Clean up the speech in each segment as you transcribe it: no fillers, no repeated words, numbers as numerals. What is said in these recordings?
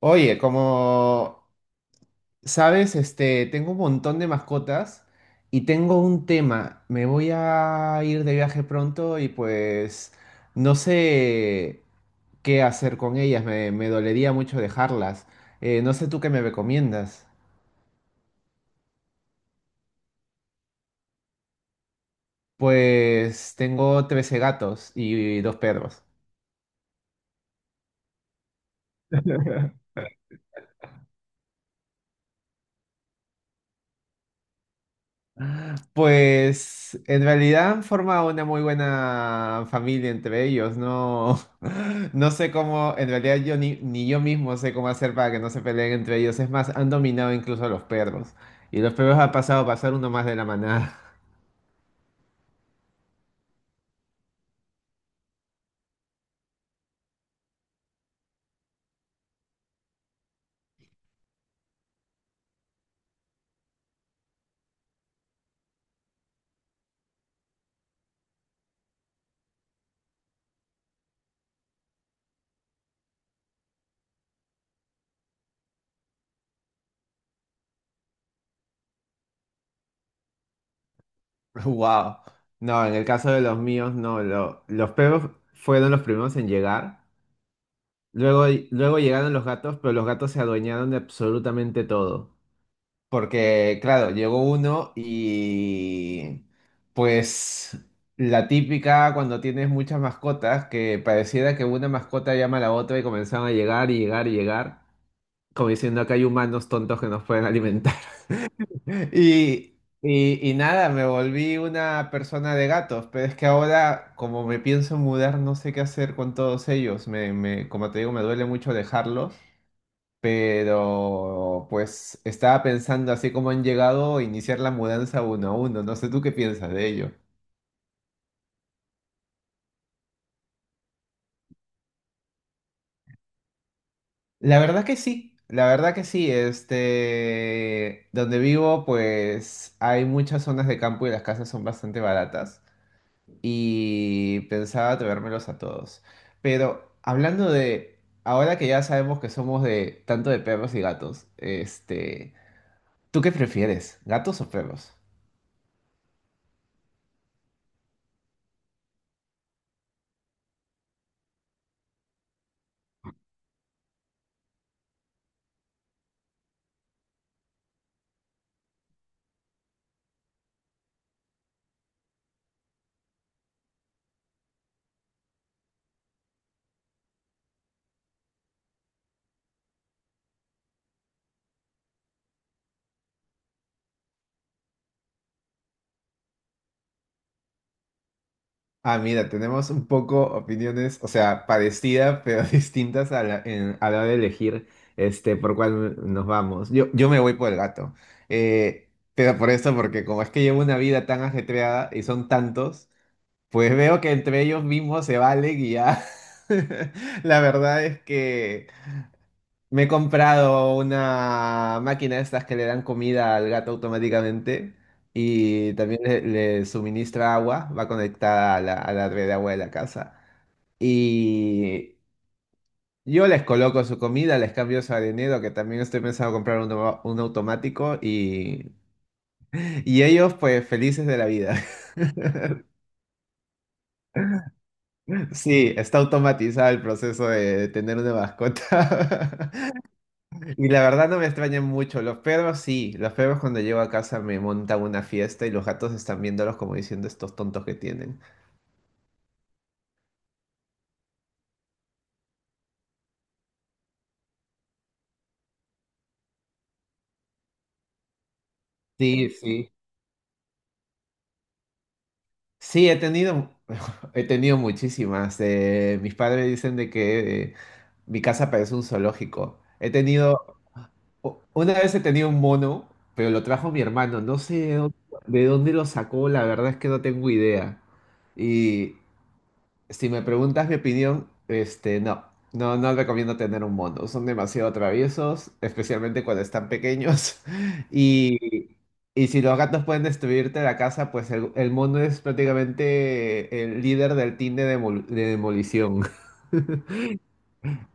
Oye, como sabes, tengo un montón de mascotas y tengo un tema. Me voy a ir de viaje pronto y pues no sé qué hacer con ellas. Me dolería mucho dejarlas. No sé tú qué me recomiendas. Pues tengo 13 gatos y dos perros. Pues en realidad han formado una muy buena familia entre ellos. No, no sé cómo, en realidad yo ni yo mismo sé cómo hacer para que no se peleen entre ellos. Es más, han dominado incluso a los perros. Y los perros han pasado a ser uno más de la manada. Wow. No, en el caso de los míos, no. Los perros fueron los primeros en llegar. Luego, luego llegaron los gatos, pero los gatos se adueñaron de absolutamente todo. Porque, claro, llegó uno y pues la típica cuando tienes muchas mascotas, que pareciera que una mascota llama a la otra y comenzaron a llegar y llegar y llegar, como diciendo que hay humanos tontos que nos pueden alimentar. Y nada, me volví una persona de gatos, pero es que ahora como me pienso mudar, no sé qué hacer con todos ellos. Como te digo, me duele mucho dejarlos. Pero pues estaba pensando así como han llegado a iniciar la mudanza uno a uno. No sé tú qué piensas de ello. La verdad que sí, la verdad que sí. Donde vivo, pues hay muchas zonas de campo y las casas son bastante baratas. Y pensaba traérmelos a todos. Pero hablando de, ahora que ya sabemos que somos de tanto de perros y gatos, ¿tú qué prefieres, gatos o perros? Ah, mira, tenemos un poco opiniones, o sea, parecidas, pero distintas a la hora de elegir por cuál nos vamos. Yo me voy por el gato. Eh, pero por eso, porque como es que llevo una vida tan ajetreada y son tantos, pues veo que entre ellos mismos se valen y ya. La verdad es que me he comprado una máquina de estas que le dan comida al gato automáticamente y también le suministra agua, va conectada a la red de agua de la casa. Y yo les coloco su comida, les cambio su arenero, que también estoy pensando comprar un automático y ellos pues felices de la vida. Sí, está automatizado el proceso de tener una mascota. Y la verdad no me extrañan mucho. Los perros sí. Los perros cuando llego a casa me montan una fiesta y los gatos están viéndolos como diciendo estos tontos que tienen. Sí, sí. Sí, he tenido, he tenido muchísimas. Mis padres dicen de que mi casa parece un zoológico. Una vez he tenido un mono, pero lo trajo mi hermano. No sé de dónde, lo sacó, la verdad es que no tengo idea. Y si me preguntas mi opinión, no, no, no recomiendo tener un mono. Son demasiado traviesos, especialmente cuando están pequeños. Y, y si los gatos pueden destruirte la casa, pues el mono es prácticamente el líder del team de demolición.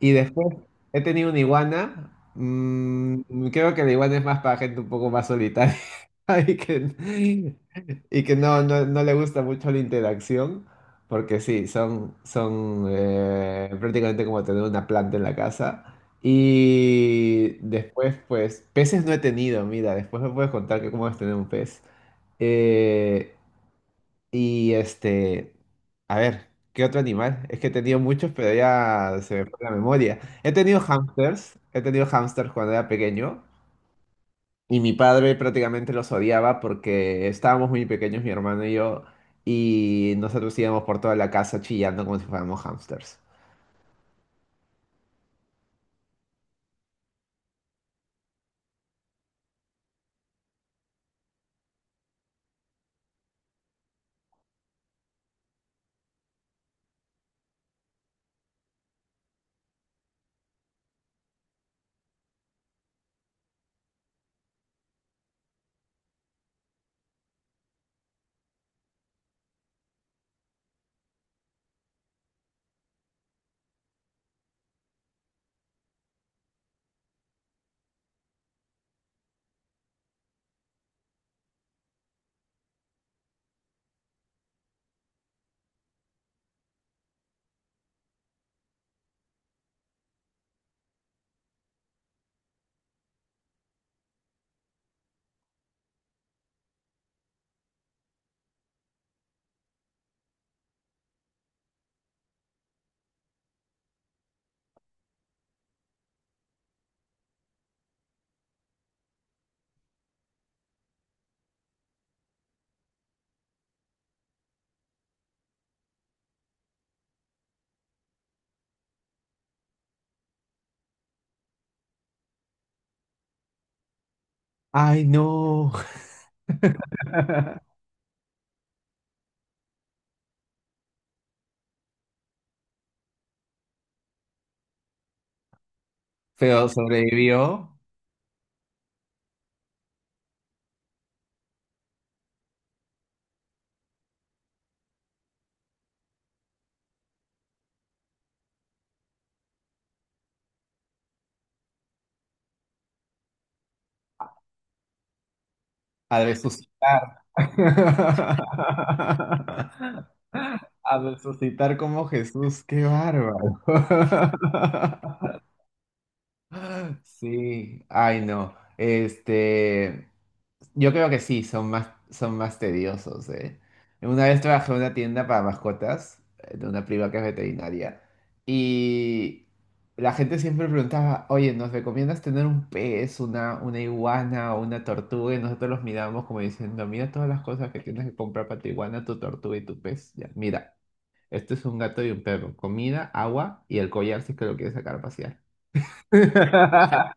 Y después he tenido una iguana. Creo que la iguana es más para gente un poco más solitaria. Y que, y que no, no, no le gusta mucho la interacción, porque sí, son, son prácticamente como tener una planta en la casa. Y después, pues, peces no he tenido, mira, después me puedes contar que cómo es tener un pez. Eh, y a ver, ¿qué otro animal? Es que he tenido muchos, pero ya se me fue la memoria. He tenido hamsters cuando era pequeño. Y mi padre prácticamente los odiaba porque estábamos muy pequeños, mi hermano y yo, y nosotros íbamos por toda la casa chillando como si fuéramos hámsters. ¡Ay, no! Pero sobrevivió a resucitar. A resucitar como Jesús, qué bárbaro. Sí, ay no. Yo creo que sí, son más tediosos, ¿eh? Una vez trabajé en una tienda para mascotas, de una prima que es veterinaria, y la gente siempre preguntaba, oye, ¿nos recomiendas tener un pez, una iguana o una tortuga? Y nosotros los mirábamos como diciendo, mira todas las cosas que tienes que comprar para tu iguana, tu tortuga y tu pez. Ya, mira, esto es un gato y un perro, comida, agua y el collar si es que lo quieres sacar a pasear.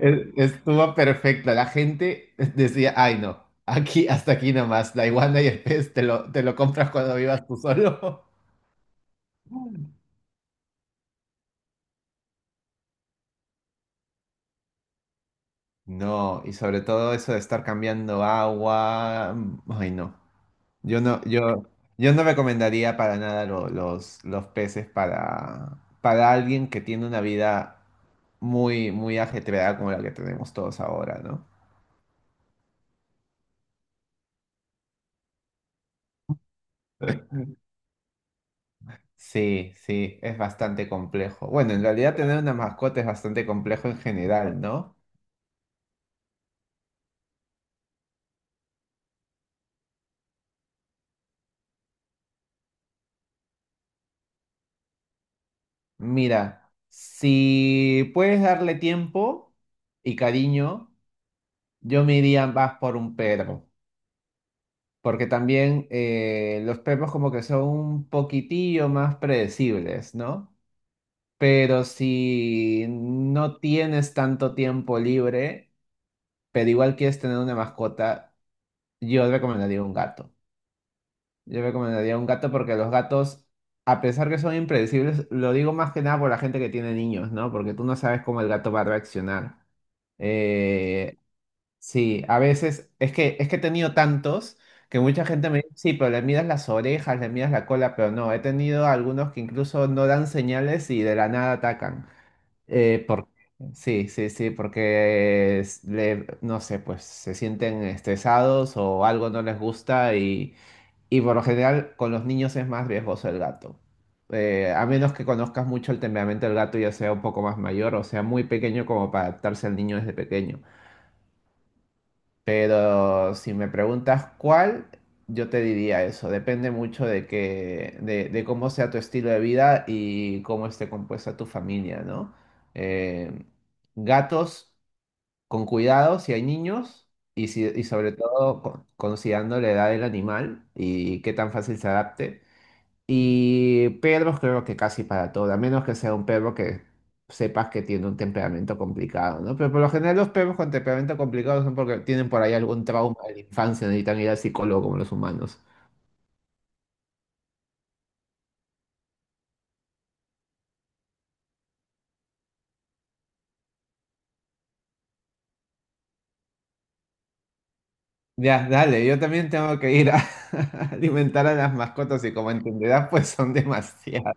Estuvo perfecto. La gente decía, ay no, aquí hasta aquí nomás, la iguana y el pez te lo compras cuando vivas tú solo. No, y sobre todo eso de estar cambiando agua. Ay no. Yo no, yo no recomendaría para nada los peces para alguien que tiene una vida muy, muy ajetreada como la que tenemos todos ahora, ¿no? Sí, sí, es bastante complejo. Bueno, en realidad tener una mascota es bastante complejo en general, ¿no? Mira, si puedes darle tiempo y cariño, yo me iría más por un perro, porque también los perros como que son un poquitillo más predecibles, ¿no? Pero si no tienes tanto tiempo libre, pero igual quieres tener una mascota, yo recomendaría un gato. Yo recomendaría un gato porque los gatos, a pesar que son impredecibles, lo digo más que nada por la gente que tiene niños, ¿no? Porque tú no sabes cómo el gato va a reaccionar. Eh, sí, a veces es que he tenido tantos que mucha gente me dice, sí, pero le miras las orejas, le miras la cola, pero no, he tenido algunos que incluso no dan señales y de la nada atacan. Eh, por- sí, sí, sí, porque no sé, pues se sienten estresados o algo no les gusta y por lo general, con los niños es más riesgoso el gato. A menos que conozcas mucho el temperamento del gato, ya sea un poco más mayor o sea muy pequeño como para adaptarse al niño desde pequeño. Pero si me preguntas cuál, yo te diría eso. Depende mucho de cómo sea tu estilo de vida y cómo esté compuesta tu familia, ¿no? Eh, Gatos con cuidado si hay niños y, si- y sobre todo considerando la edad del animal y qué tan fácil se adapte. Y perros creo que casi para todo, a menos que sea un perro que sepas que tiene un temperamento complicado, ¿no? Pero por lo general los perros con temperamento complicado son porque tienen por ahí algún trauma de la infancia, necesitan ir al psicólogo como los humanos. Ya, dale, yo también tengo que ir a alimentar a las mascotas y como entenderás, pues son demasiadas.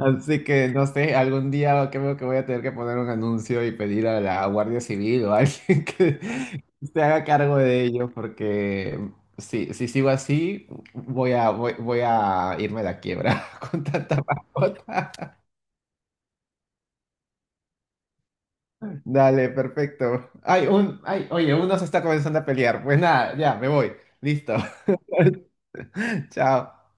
Así que no sé, algún día creo que voy a tener que poner un anuncio y pedir a la Guardia Civil o a alguien que se haga cargo de ello, porque si sigo así, voy a irme a la quiebra con tanta mascota. Dale, perfecto. Ay, ay, oye, uno se está comenzando a pelear. Pues nada, ya, me voy. Listo. Chao.